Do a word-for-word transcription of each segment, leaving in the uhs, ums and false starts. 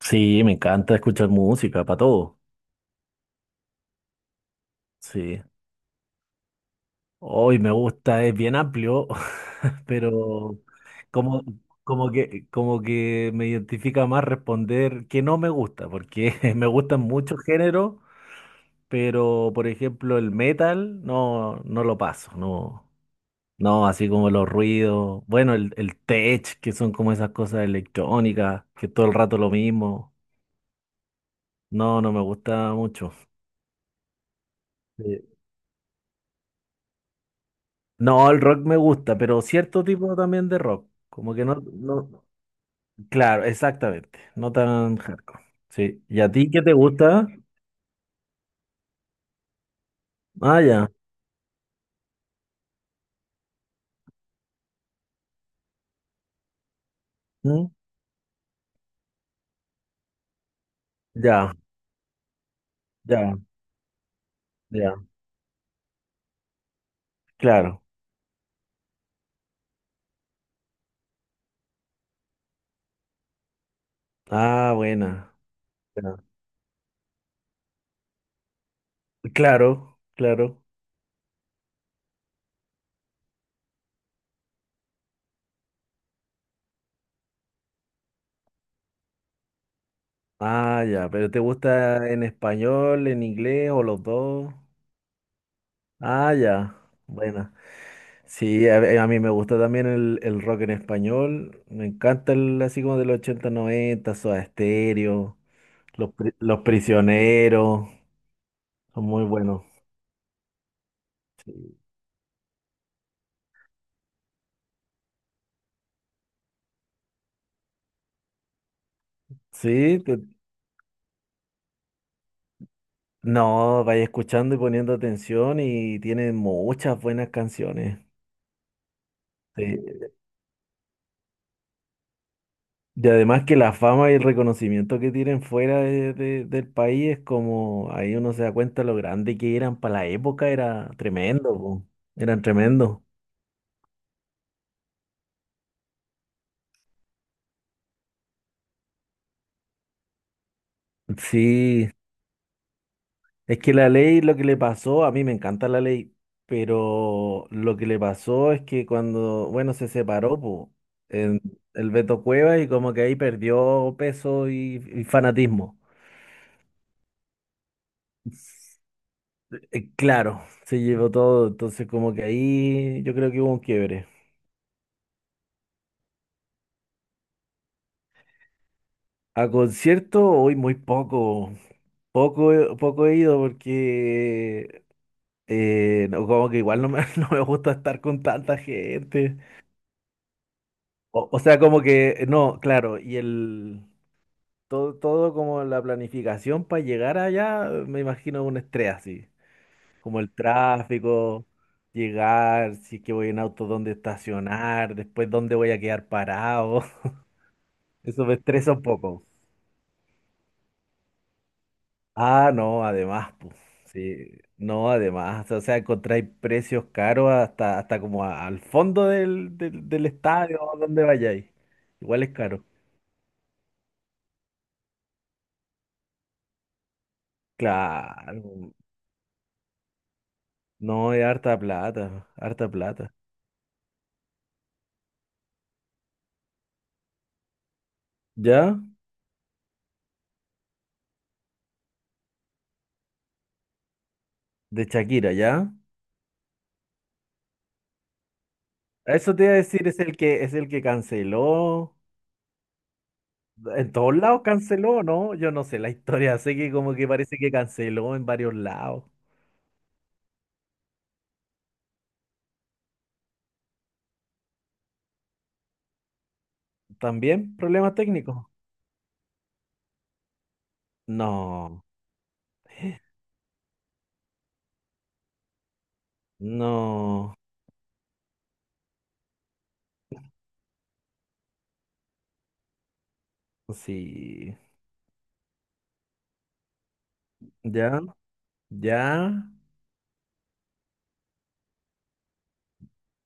Sí, me encanta escuchar música para todo. Sí. Hoy me gusta, es bien amplio, pero como, como que, como que me identifica más responder que no me gusta, porque me gustan muchos géneros, pero por ejemplo el metal no, no lo paso, no. No, así como los ruidos, bueno, el, el tech, que son como esas cosas electrónicas, que todo el rato lo mismo. No, no me gusta mucho. Sí. No, el rock me gusta, pero cierto tipo también de rock. Como que no, no, claro, exactamente. No tan hardcore. Sí. ¿Y a ti qué te gusta? Ah, ya. ¿Mm? Ya, ya, ya. Claro. Ah, buena. Ya. Claro, claro. Ah, ya. Pero ¿te gusta en español, en inglés o los dos? Ah, ya. Buena. Sí, a, a mí me gusta también el, el rock en español. Me encanta el así como del ochenta noventa, Soda Stereo. Los, pri- los prisioneros son muy buenos. Sí, te- no, vaya escuchando y poniendo atención y tienen muchas buenas canciones. Sí. Y además que la fama y el reconocimiento que tienen fuera de- de- del país es como, ahí uno se da cuenta lo grande que eran para la época, era tremendo, po. Eran tremendo. Sí. Es que la ley, lo que le pasó, a mí me encanta la ley, pero lo que le pasó es que cuando, bueno, se separó, po, en el Beto cueva y como que ahí perdió peso y, y fanatismo. Eh, claro, se llevó todo, entonces como que ahí yo creo que hubo un quiebre. A concierto hoy muy poco, poco, he- poco he ido porque eh, no, como que igual no me, no me gusta estar con tanta gente. O, o sea, como que, no, claro, y el... Todo, todo como la planificación para llegar allá, me imagino un estrés así, como el tráfico, llegar, si es que voy en auto, dónde estacionar, después dónde voy a quedar parado. Eso me estresa un poco. Ah, no, además, pues, sí, no, además, o sea, encontráis precios caros hasta, hasta como a- al fondo del, del, del estadio, donde vayáis. Igual es caro. Claro, no, es harta plata, harta plata. ¿Ya? De Shakira, ¿ya? Eso te iba a decir, es el que, es el que canceló. En todos lados canceló, ¿no? Yo no sé la historia, sé que como que parece que canceló en varios lados. ¿También problemas técnicos? No, no, sí. ¿Ya? ¿Ya?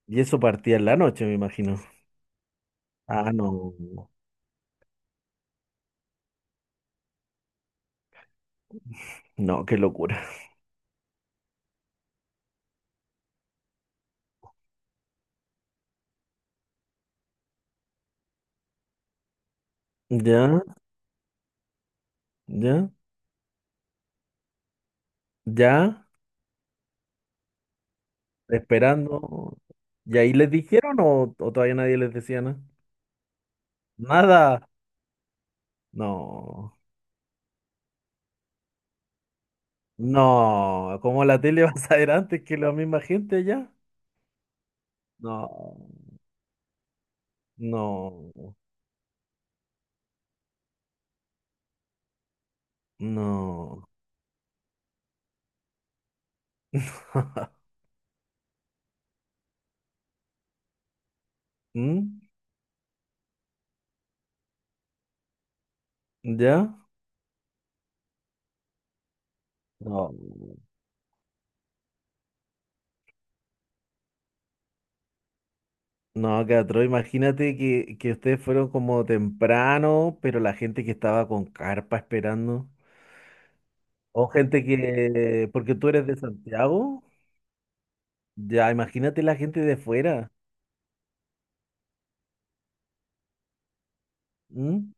Y eso partía en la noche, me imagino. Ah, no, no, qué locura. ¿Ya? ¿Ya? ¿Ya? Esperando. ¿Y ahí les dijeron o, o todavía nadie les decía nada? Nada. No. No, ¿cómo la tele va a saber antes que la misma gente allá? No, no, no. ¿Mm? ¿Ya? No. No, Catro, imagínate que, que ustedes fueron como temprano, pero la gente que estaba con carpa esperando. O gente que, porque tú eres de Santiago, ya imagínate la gente de fuera. ¿Mm?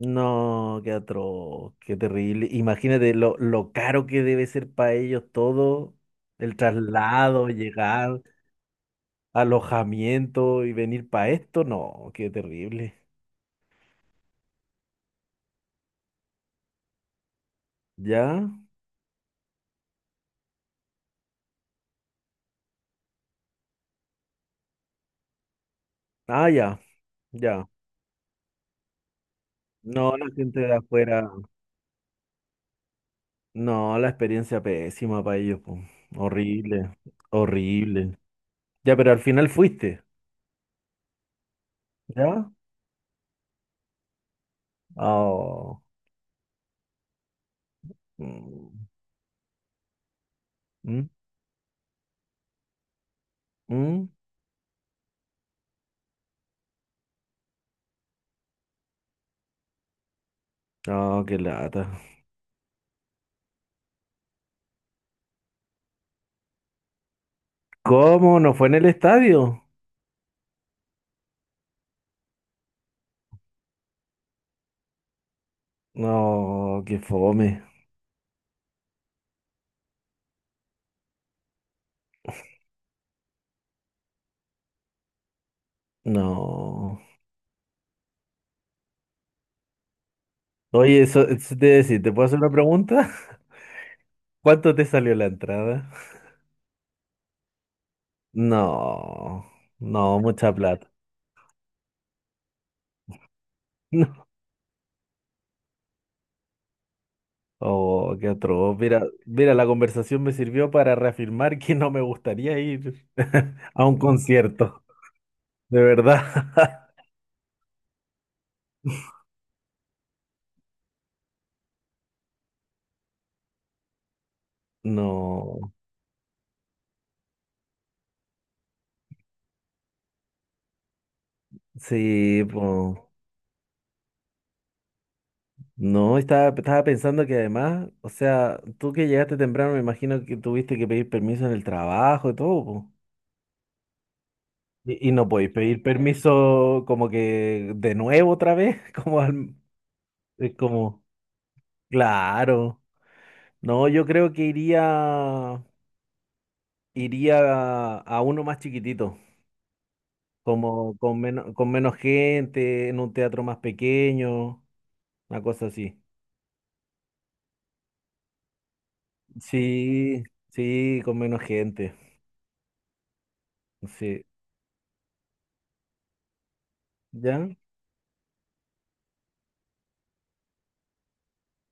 No, qué atroz, qué terrible. Imagínate lo, lo caro que debe ser para ellos todo, el traslado, llegar, alojamiento y venir para esto. No, qué terrible. ¿Ya? Ah, ya, ya. No, la gente de afuera, no, la experiencia pésima para ellos, po. Horrible, horrible. Ya, pero al final fuiste, ¿ya? Oh, mm, mm, mm. No, qué lata. ¿Cómo? ¿No fue en el estadio? No, qué fome. No. Oye, eso, eso te iba a decir, ¿te puedo hacer una pregunta? ¿Cuánto te salió la entrada? No, no, mucha plata. No. Oh, qué atroz. Mira, mira, la conversación me sirvió para reafirmar que no me gustaría ir a un concierto, de verdad. No, sí, pues. No, estaba, estaba pensando que además, o sea, tú que llegaste temprano, me imagino que tuviste que pedir permiso en el trabajo y todo, pues. Y, y no podéis pedir permiso como que de nuevo otra vez, como al- es como, claro. No, yo creo que iría, iría a, a uno más chiquitito, como con menos, con menos gente, en un teatro más pequeño, una cosa así. Sí, sí, con menos gente. Sí. ¿Ya?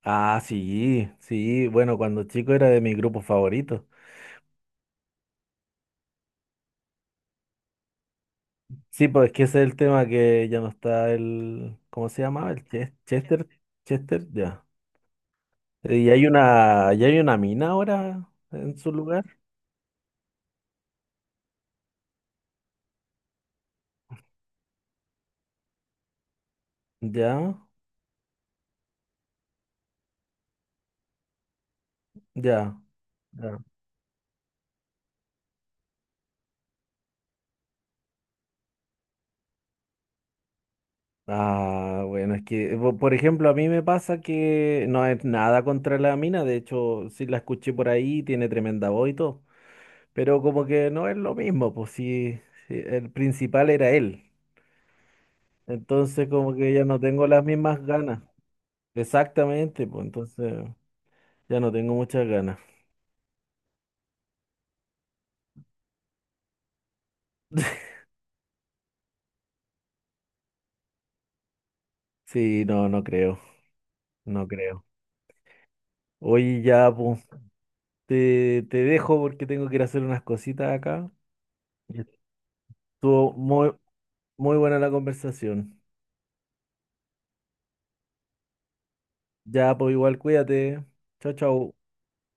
Ah, sí, sí. Bueno, cuando chico era de mi grupo favorito. Sí, pues es que ese es el tema que ya no está el, ¿cómo se llamaba? El Ches- Chester, Chester, ya. Eh, Y hay una, ya hay una mina ahora en su lugar. Ya, ya, ya. Ah, bueno, es que, po- por ejemplo, a mí me pasa que no es nada contra la mina, de hecho, sí la escuché por ahí, tiene tremenda voz y todo, pero como que no es lo mismo, pues sí, sí, el principal era él, entonces como que ya no tengo las mismas ganas, exactamente, pues entonces... Ya no tengo muchas ganas. Sí, no, no creo, no creo. Hoy ya pues, te, te dejo porque tengo que ir a hacer unas cositas acá. Y estuvo muy, muy buena la conversación. Ya, pues igual cuídate. Chao, chao.